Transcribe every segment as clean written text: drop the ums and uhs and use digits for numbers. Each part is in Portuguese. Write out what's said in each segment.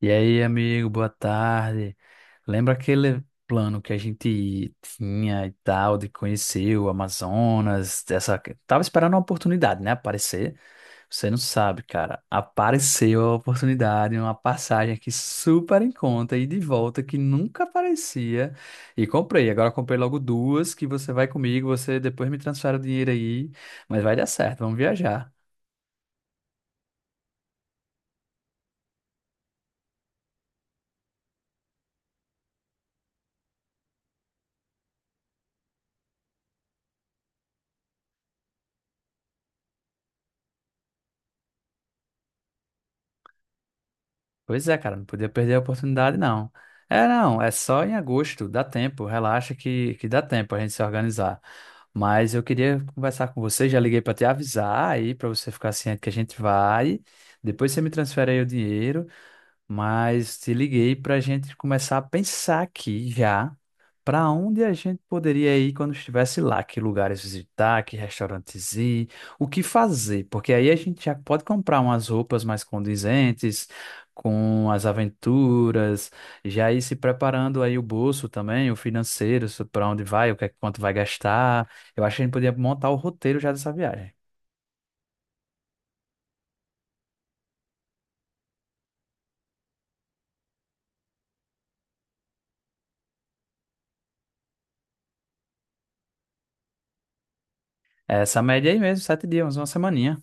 E aí, amigo, boa tarde. Lembra aquele plano que a gente tinha e tal, de conhecer o Amazonas? Tava esperando uma oportunidade, né? Aparecer. Você não sabe, cara. Apareceu a oportunidade, uma passagem aqui super em conta e de volta que nunca aparecia. E comprei. Agora comprei logo duas que você vai comigo, você depois me transfere o dinheiro aí. Mas vai dar certo, vamos viajar. Pois é, cara, não podia perder a oportunidade, não. É, não, é só em agosto, dá tempo, relaxa que dá tempo a gente se organizar. Mas eu queria conversar com você, já liguei para te avisar aí, para você ficar ciente que a gente vai. Depois você me transfere aí o dinheiro, mas te liguei para a gente começar a pensar aqui já para onde a gente poderia ir quando estivesse lá, que lugares visitar, que restaurantes ir, o que fazer, porque aí a gente já pode comprar umas roupas mais condizentes com as aventuras, já ir se preparando aí o bolso também, o financeiro, para onde vai, o que é quanto vai gastar. Eu acho que a gente podia montar o roteiro já dessa viagem. Essa média aí mesmo, 7 dias, uma semaninha.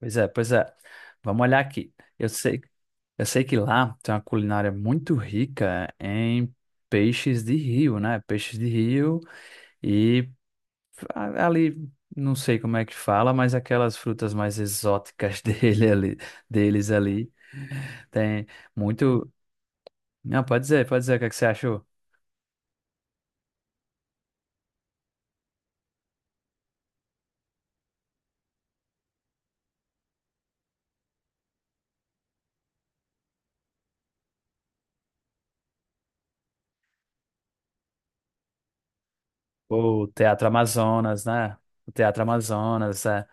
Pois é, pois é. Vamos olhar aqui. Eu sei, eu sei que lá tem uma culinária muito rica em peixes de rio, né? Peixes de rio e ali, não sei como é que fala, mas aquelas frutas mais exóticas dele ali, deles ali. Tem muito. Não, pode dizer o que é que você achou? O Teatro Amazonas, né? O Teatro Amazonas, é.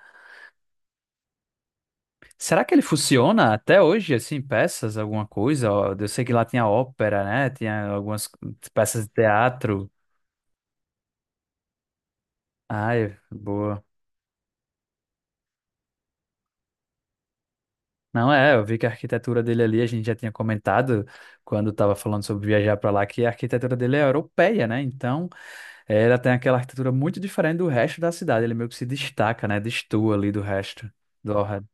Será que ele funciona até hoje, assim, peças, alguma coisa? Ó, eu sei que lá tinha ópera, né? Tinha algumas peças de teatro. Ai, boa. Não é, eu vi que a arquitetura dele ali, a gente já tinha comentado quando estava falando sobre viajar para lá, que a arquitetura dele é europeia, né? Então, ela tem aquela arquitetura muito diferente do resto da cidade. Ele meio que se destaca, né? Destoa ali do resto do Ohad.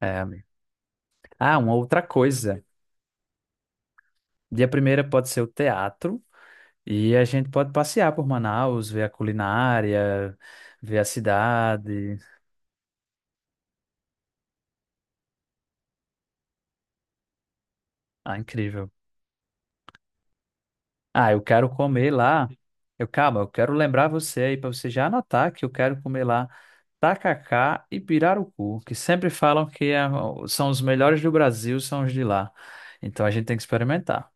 É, amigo. Ah, uma outra coisa. Dia primeira pode ser o teatro. E a gente pode passear por Manaus, ver a culinária, ver a cidade. Ah, incrível. Ah, eu quero comer lá. Eu, calma, eu quero lembrar você aí para você já anotar que eu quero comer lá tacacá e pirarucu, que sempre falam que são os melhores do Brasil, são os de lá. Então a gente tem que experimentar.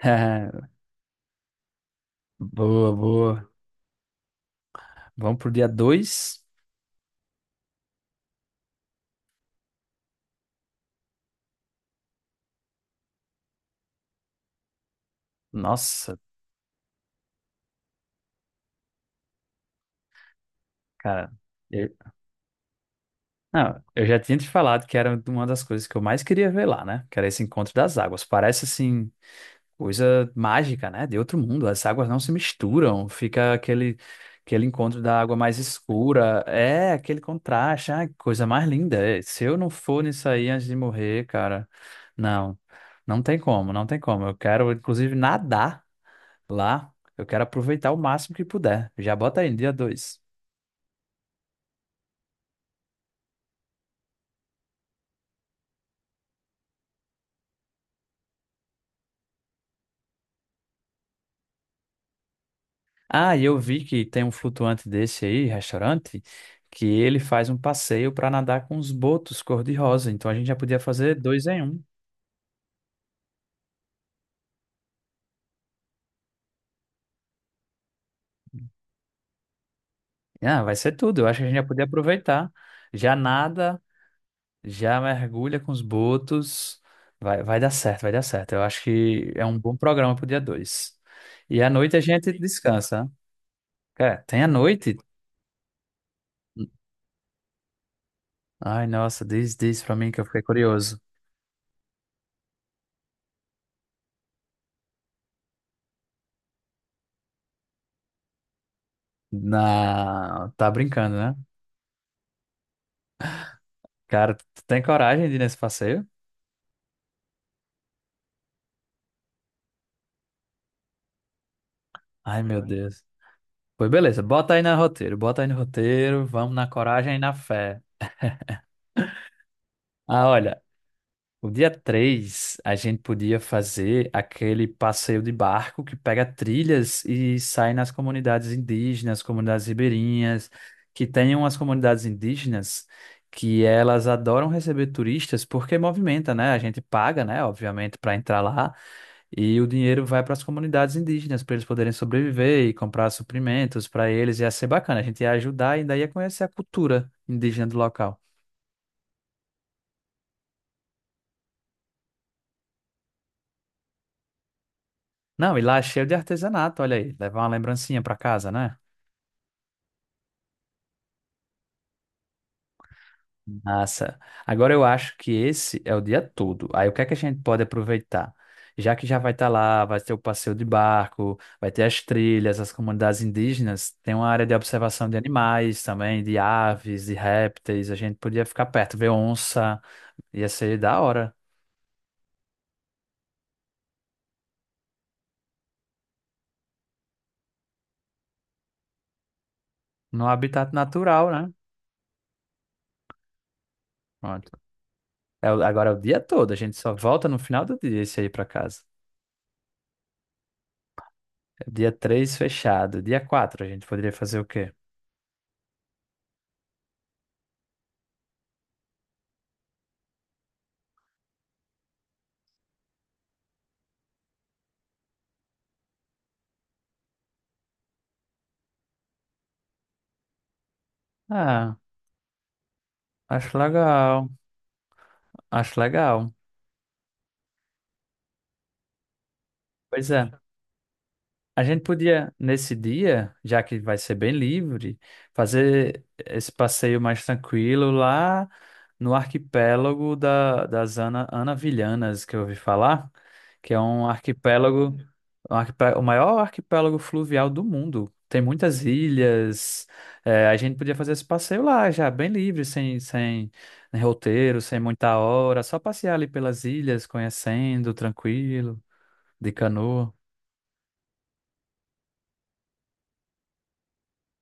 Boa, boa. Vamos pro dia 2. Nossa, cara. Não, eu já tinha te falado que era uma das coisas que eu mais queria ver lá, né? Que era esse encontro das águas. Parece assim, coisa mágica, né? De outro mundo. As águas não se misturam, fica aquele encontro da água mais escura. É, aquele contraste. Ai, que coisa mais linda. É, se eu não for nisso aí antes de morrer, cara, não, não tem como, não tem como. Eu quero, inclusive, nadar lá. Eu quero aproveitar o máximo que puder. Já bota aí, dia 2. Ah, e eu vi que tem um flutuante desse aí, restaurante, que ele faz um passeio para nadar com os botos cor-de-rosa. Então a gente já podia fazer dois em um. Ah, vai ser tudo. Eu acho que a gente já podia aproveitar. Já nada, já mergulha com os botos. Vai, vai dar certo, vai dar certo. Eu acho que é um bom programa pro dia 2. E à noite a gente descansa, né? Cara, tem a noite? Ai, nossa, diz, diz pra mim que eu fiquei curioso. Na... Tá brincando, né? Cara, tu tem coragem de ir nesse passeio? Ai, meu Deus. Pois beleza, bota aí no roteiro, bota aí no roteiro, vamos na coragem e na fé. Ah, olha, o dia 3 a gente podia fazer aquele passeio de barco que pega trilhas e sai nas comunidades indígenas, comunidades ribeirinhas, que tem umas comunidades indígenas que elas adoram receber turistas porque movimenta, né? A gente paga, né, obviamente, para entrar lá, e o dinheiro vai para as comunidades indígenas, para eles poderem sobreviver e comprar suprimentos para eles. Ia ser bacana, a gente ia ajudar e ainda ia conhecer a cultura indígena do local. Não, e lá é cheio de artesanato, olha aí, levar uma lembrancinha para casa, né? Massa. Agora eu acho que esse é o dia todo. Aí o que é que a gente pode aproveitar? Já que já vai estar lá, vai ter o passeio de barco, vai ter as trilhas, as comunidades indígenas, tem uma área de observação de animais também, de aves, de répteis, a gente podia ficar perto, ver onça. Ia ser da hora. No habitat natural, né? Pronto. É, agora é o dia todo, a gente só volta no final do dia esse aí pra casa. Dia 3 fechado. Dia 4 a gente poderia fazer o quê? Ah, acho legal. Acho legal. Pois é. A gente podia, nesse dia, já que vai ser bem livre, fazer esse passeio mais tranquilo lá no arquipélago das Anavilhanas, que eu ouvi falar, que é um arquipélago, o maior arquipélago fluvial do mundo. Tem muitas ilhas. É, a gente podia fazer esse passeio lá, já bem livre, sem roteiro, sem muita hora, só passear ali pelas ilhas, conhecendo, tranquilo, de canoa.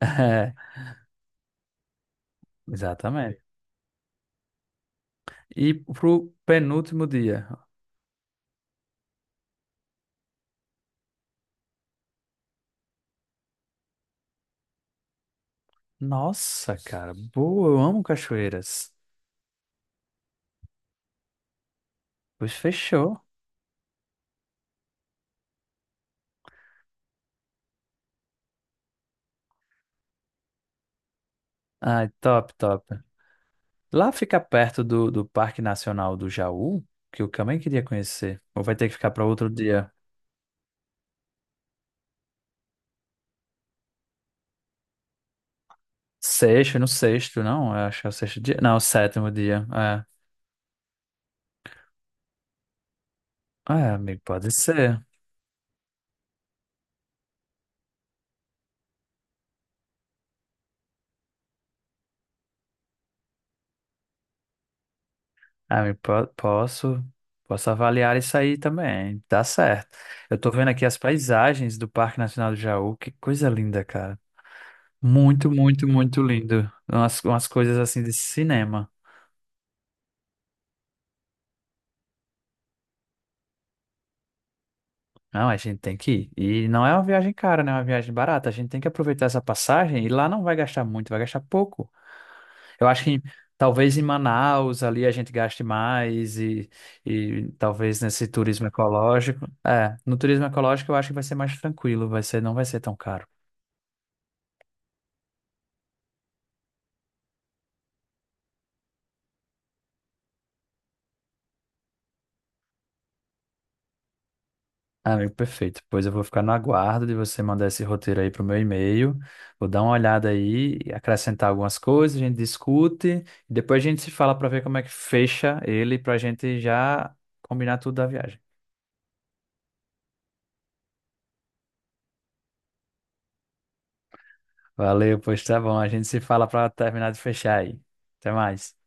É, exatamente. E pro penúltimo dia. Nossa, cara, boa, eu amo cachoeiras. Pois fechou. Ai, top, top. Lá fica perto do Parque Nacional do Jaú, que eu também queria conhecer. Ou vai ter que ficar para outro dia? Sexto, no sexto, não? Eu acho que é o sexto dia. Não, o sétimo dia. É. Ah, é, amigo, pode ser. Ah, amigo, posso avaliar isso aí também. Tá certo. Eu tô vendo aqui as paisagens do Parque Nacional do Jaú. Que coisa linda, cara. Muito, muito, muito lindo. Umas coisas assim de cinema. Não, a gente tem que ir. E não é uma viagem cara, né? É uma viagem barata. A gente tem que aproveitar essa passagem e lá não vai gastar muito, vai gastar pouco. Eu acho que talvez em Manaus ali a gente gaste mais e talvez nesse turismo ecológico. É, no turismo ecológico eu acho que vai ser mais tranquilo, vai ser, não vai ser tão caro. Amigo, perfeito. Pois eu vou ficar no aguardo de você mandar esse roteiro aí pro meu e-mail. Vou dar uma olhada aí, acrescentar algumas coisas, a gente discute e depois a gente se fala para ver como é que fecha ele para a gente já combinar tudo da viagem. Valeu, pois tá bom. A gente se fala para terminar de fechar aí. Até mais.